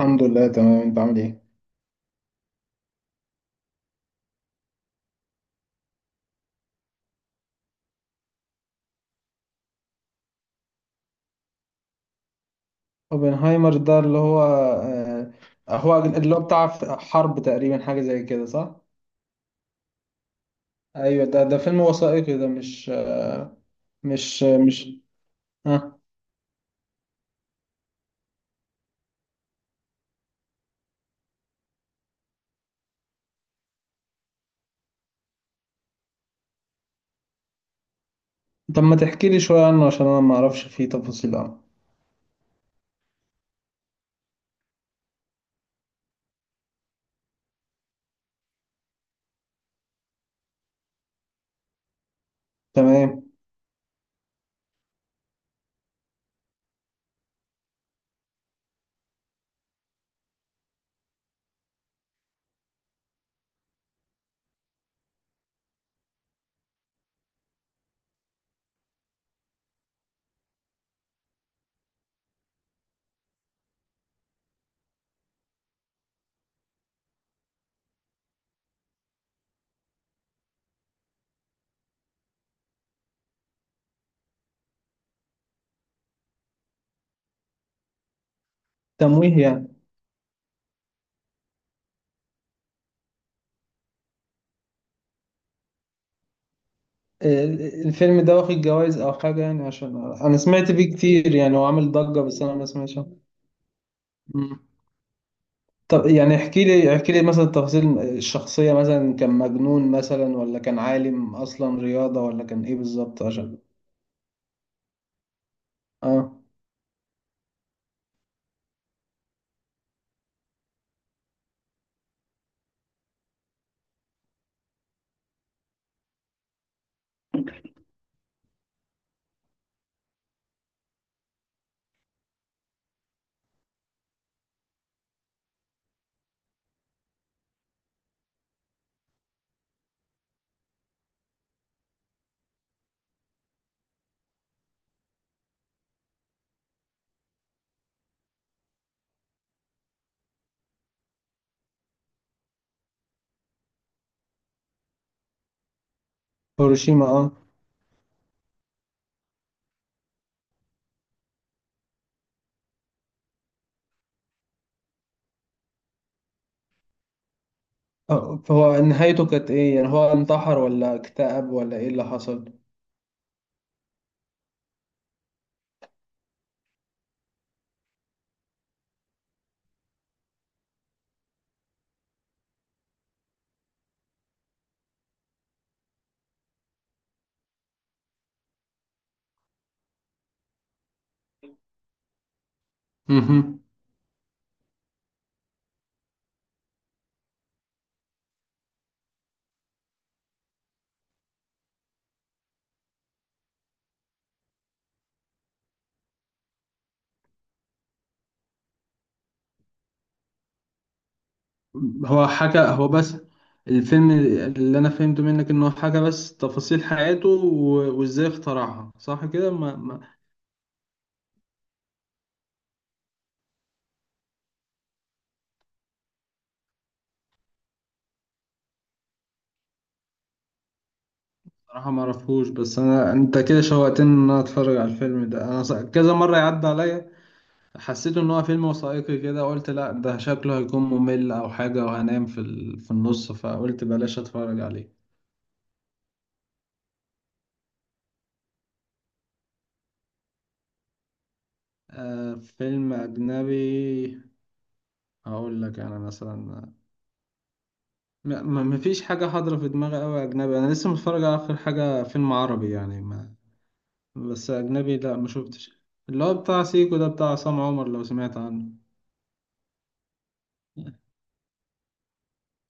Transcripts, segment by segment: الحمد لله، تمام. انت عامل ايه؟ اوبنهايمر ده اللي هو هو اللي هو بتاع حرب تقريبا، حاجة زي كده، صح؟ ايوه، ده فيلم وثائقي؟ ده مش اه طب ما تحكي لي شوية عنه، عشان انا ما اعرفش فيه تفاصيل عنه. تمام. تمويه يعني؟ آه، الفيلم ده واخد جوائز او حاجة يعني؟ عشان انا سمعت فيه كتير يعني، وعامل ضجة، بس انا ما سمعتش عنه. طب يعني احكي لي مثلا تفاصيل الشخصية، مثلا كان مجنون، مثلا ولا كان عالم أصلا رياضة، ولا كان إيه بالظبط؟ عشان… اه. هيروشيما، اه. فهو نهايته كانت إيه يعني؟ هو انتحر ولا اكتئب ولا إيه اللي حصل؟ مهم. هو حكى هو بس الفيلم، اللي أنا فهمته منك إنه حكى بس تفاصيل حياته و- وإزاي اخترعها، صح كده؟ ما ما صراحة ما أعرفوش، بس أنا أنت كده شوقتني إن أنا أتفرج على الفيلم ده. أنا كذا مرة يعدي عليا، حسيت ان هو فيلم وثائقي كده، قلت لا ده شكله هيكون ممل او حاجة وهنام في النص، فقلت بلاش اتفرج عليه. فيلم اجنبي، هقول لك انا مثلا، مفيش حاجة حاضرة في دماغي قوي اجنبي. انا لسه متفرج على اخر حاجة فيلم عربي يعني ما بس اجنبي لا، ما شفتش. اللي هو بتاع سيكو ده، بتاع عصام عمر، لو سمعت عنه.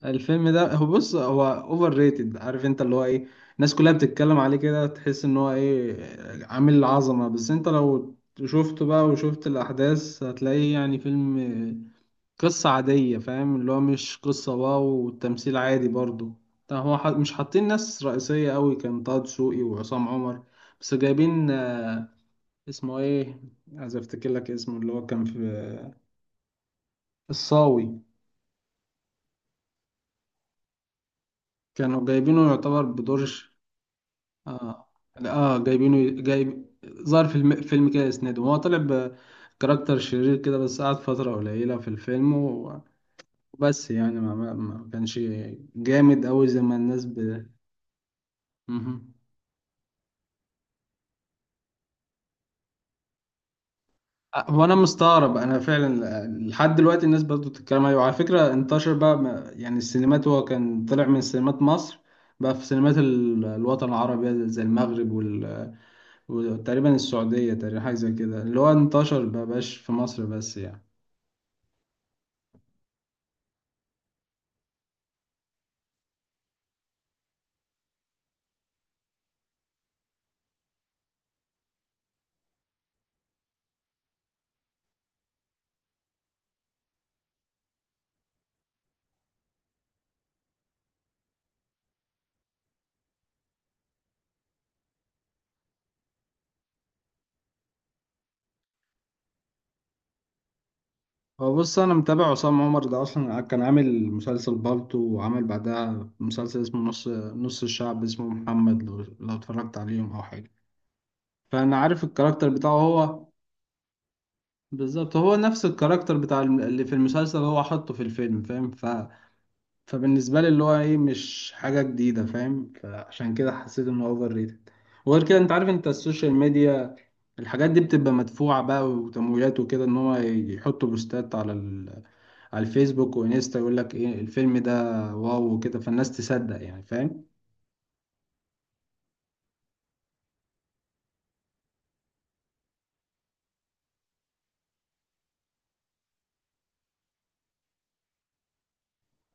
الفيلم ده هو بص، هو اوفر ريتد، عارف انت اللي هو ايه؟ الناس كلها بتتكلم عليه كده، تحس ان هو ايه عامل عظمة. بس انت لو شفته بقى وشفت الاحداث، هتلاقيه يعني فيلم قصة عادية، فاهم، اللي هو مش قصة واو، والتمثيل عادي برضو. طب هو مش حاطين ناس رئيسية قوي، كان طه دسوقي وعصام عمر، بس جايبين اسمه ايه، عايز افتكر لك اسمه، اللي هو كان في… الصاوي. كانوا جايبينه يعتبر بدور. اه، اه، جايب ظهر في فيلم كده اسناده، هو طلع بكاركتر شرير كده، بس قعد فترة قليلة في الفيلم و- وبس يعني ما كانش جامد أوي زي ما الناس. مهم. هو أنا مستغرب، أنا فعلا لحد دلوقتي الناس برضو بتتكلم عليه. وعلى فكرة انتشر بقى، يعني السينمات، هو كان طلع من سينمات مصر، بقى في سينمات الوطن العربي زي المغرب وتقريبا السعودية، تقريبا حاجة زي كده، اللي هو انتشر بقى، بقاش في مصر بس يعني. هو بص، انا متابع عصام عمر ده اصلا، كان عامل مسلسل بالطو، وعمل بعدها مسلسل اسمه نص نص، الشعب اسمه محمد، لو اتفرجت عليهم او حاجه. فانا عارف الكاركتر بتاعه هو بالظبط، هو نفس الكاركتر بتاع اللي في المسلسل، هو حطه في الفيلم، فاهم. فبالنسبه لي اللي هو ايه مش حاجه جديده، فاهم، فعشان كده حسيت انه اوفر ريتد. وغير كده انت عارف، انت السوشيال ميديا، الحاجات دي بتبقى مدفوعة بقى وتمويلات وكده، ان هو يحطوا بوستات على على الفيسبوك وانستا، يقول لك ايه الفيلم ده واو وكده، فالناس تصدق يعني، فاهم.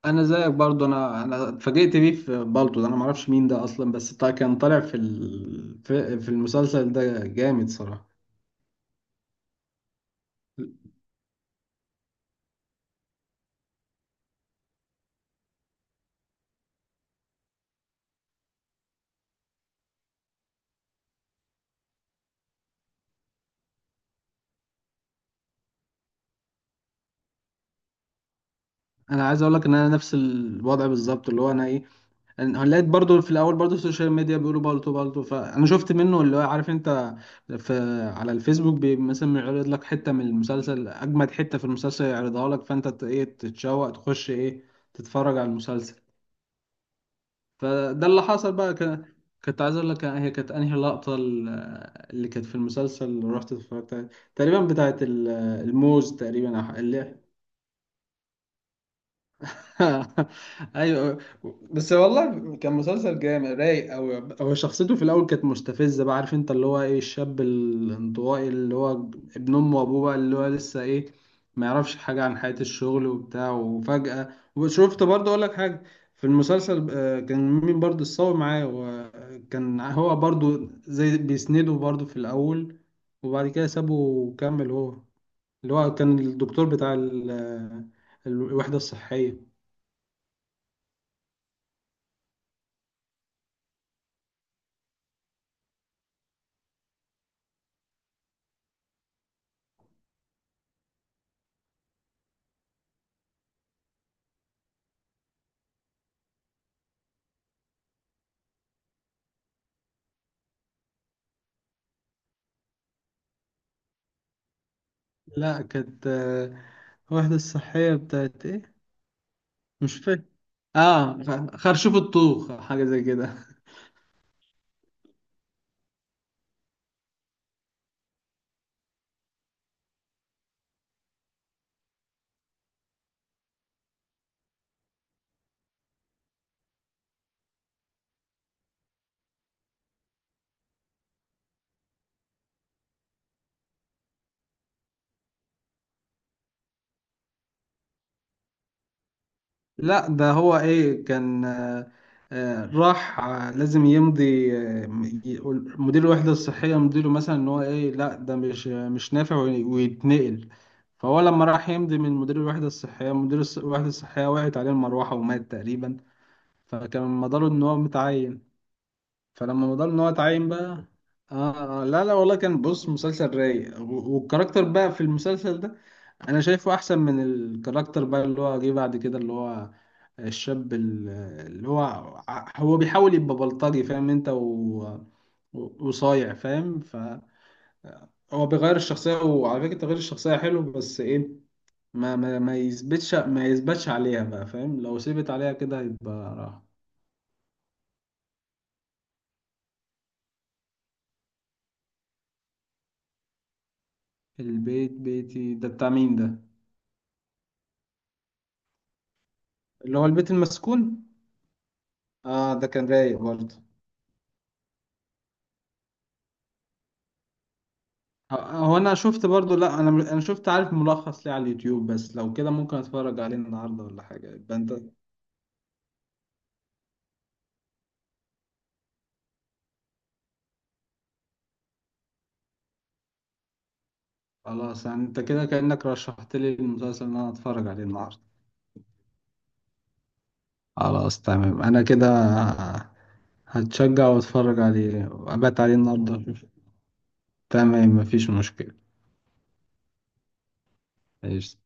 انا زيك برضو، انا اتفاجئت بيه في بالطو ده، انا معرفش مين ده اصلا، بس كان طالع في في المسلسل ده جامد صراحة. انا عايز اقول لك ان انا نفس الوضع بالظبط، اللي هو انا ايه، هنلاقي برضو في الاول برضو السوشيال ميديا بيقولوا بالتو بالتو، فانا شفت منه، اللي هو، عارف انت، في على الفيسبوك بي مثلا يعرض لك حته من المسلسل، اجمد حته في المسلسل يعرضها لك، فانت ايه تتشوق تخش ايه تتفرج على المسلسل. فده اللي حصل بقى كنت عايز اقول لك، هي كانت انهي لقطه اللي كانت في المسلسل اللي رحت اتفرجت عليها؟ تقريبا بتاعت الموز تقريبا، اللي… ايوه. بس والله كان مسلسل جامد رايق. او هو شخصيته في الاول كانت مستفزه بقى، عارف انت اللي هو ايه، الشاب الانطوائي، اللي هو ابن امه وابوه بقى، اللي هو لسه ايه، ما يعرفش حاجه عن حياه الشغل وبتاع، وفجاه… وشفت برضه، اقول لك حاجه، في المسلسل كان مين برضه، الصاوي معاه، وكان هو برضه زي بيسنده برضه في الاول، وبعد كده سابه وكمل هو، اللي هو كان الدكتور بتاع الوحده الصحيه. لا كانت واحدة الصحية بتاعت ايه، مش فاكر. اه، خرشوف الطوخ أو حاجة زي كده. لا ده هو ايه، كان راح لازم يمضي، مدير الوحدة الصحية، مديره مثلا، ان هو ايه لا ده مش نافع ويتنقل. فهو لما راح يمضي من مدير الوحدة الصحية، وقعت عليه المروحة ومات تقريبا. فكان مداره ان هو متعين. فلما بدأنا ان هو اتعين بقى… لا، لا، والله كان بص، مسلسل رايق، و- والكاركتر بقى في المسلسل ده انا شايفه احسن من الكاركتر بقى اللي هو جه بعد كده، اللي هو الشاب اللي هو هو بيحاول يبقى بلطجي فاهم انت، وصايع فاهم، فهو بيغير الشخصية. وعلى فكرة تغيير الشخصية حلو، بس ايه ما يثبتش عليها بقى فاهم، لو ثبت عليها كده يبقى راح. البيت بيتي ده بتاع مين ده؟ اللي هو البيت المسكون. اه، ده كان رايق برضه. هو انا شفت برضو، لا انا شفت عارف ملخص ليه على اليوتيوب، بس لو كده ممكن اتفرج عليه النهارده ولا حاجه، يبقى انت… خلاص يعني، انت كده كانك رشحت لي المسلسل اللي انا اتفرج عليه النهارده. خلاص تمام، انا كده هتشجع واتفرج عليه وابات عليه النهارده أشوف. تمام، مفيش مشكله. ايش.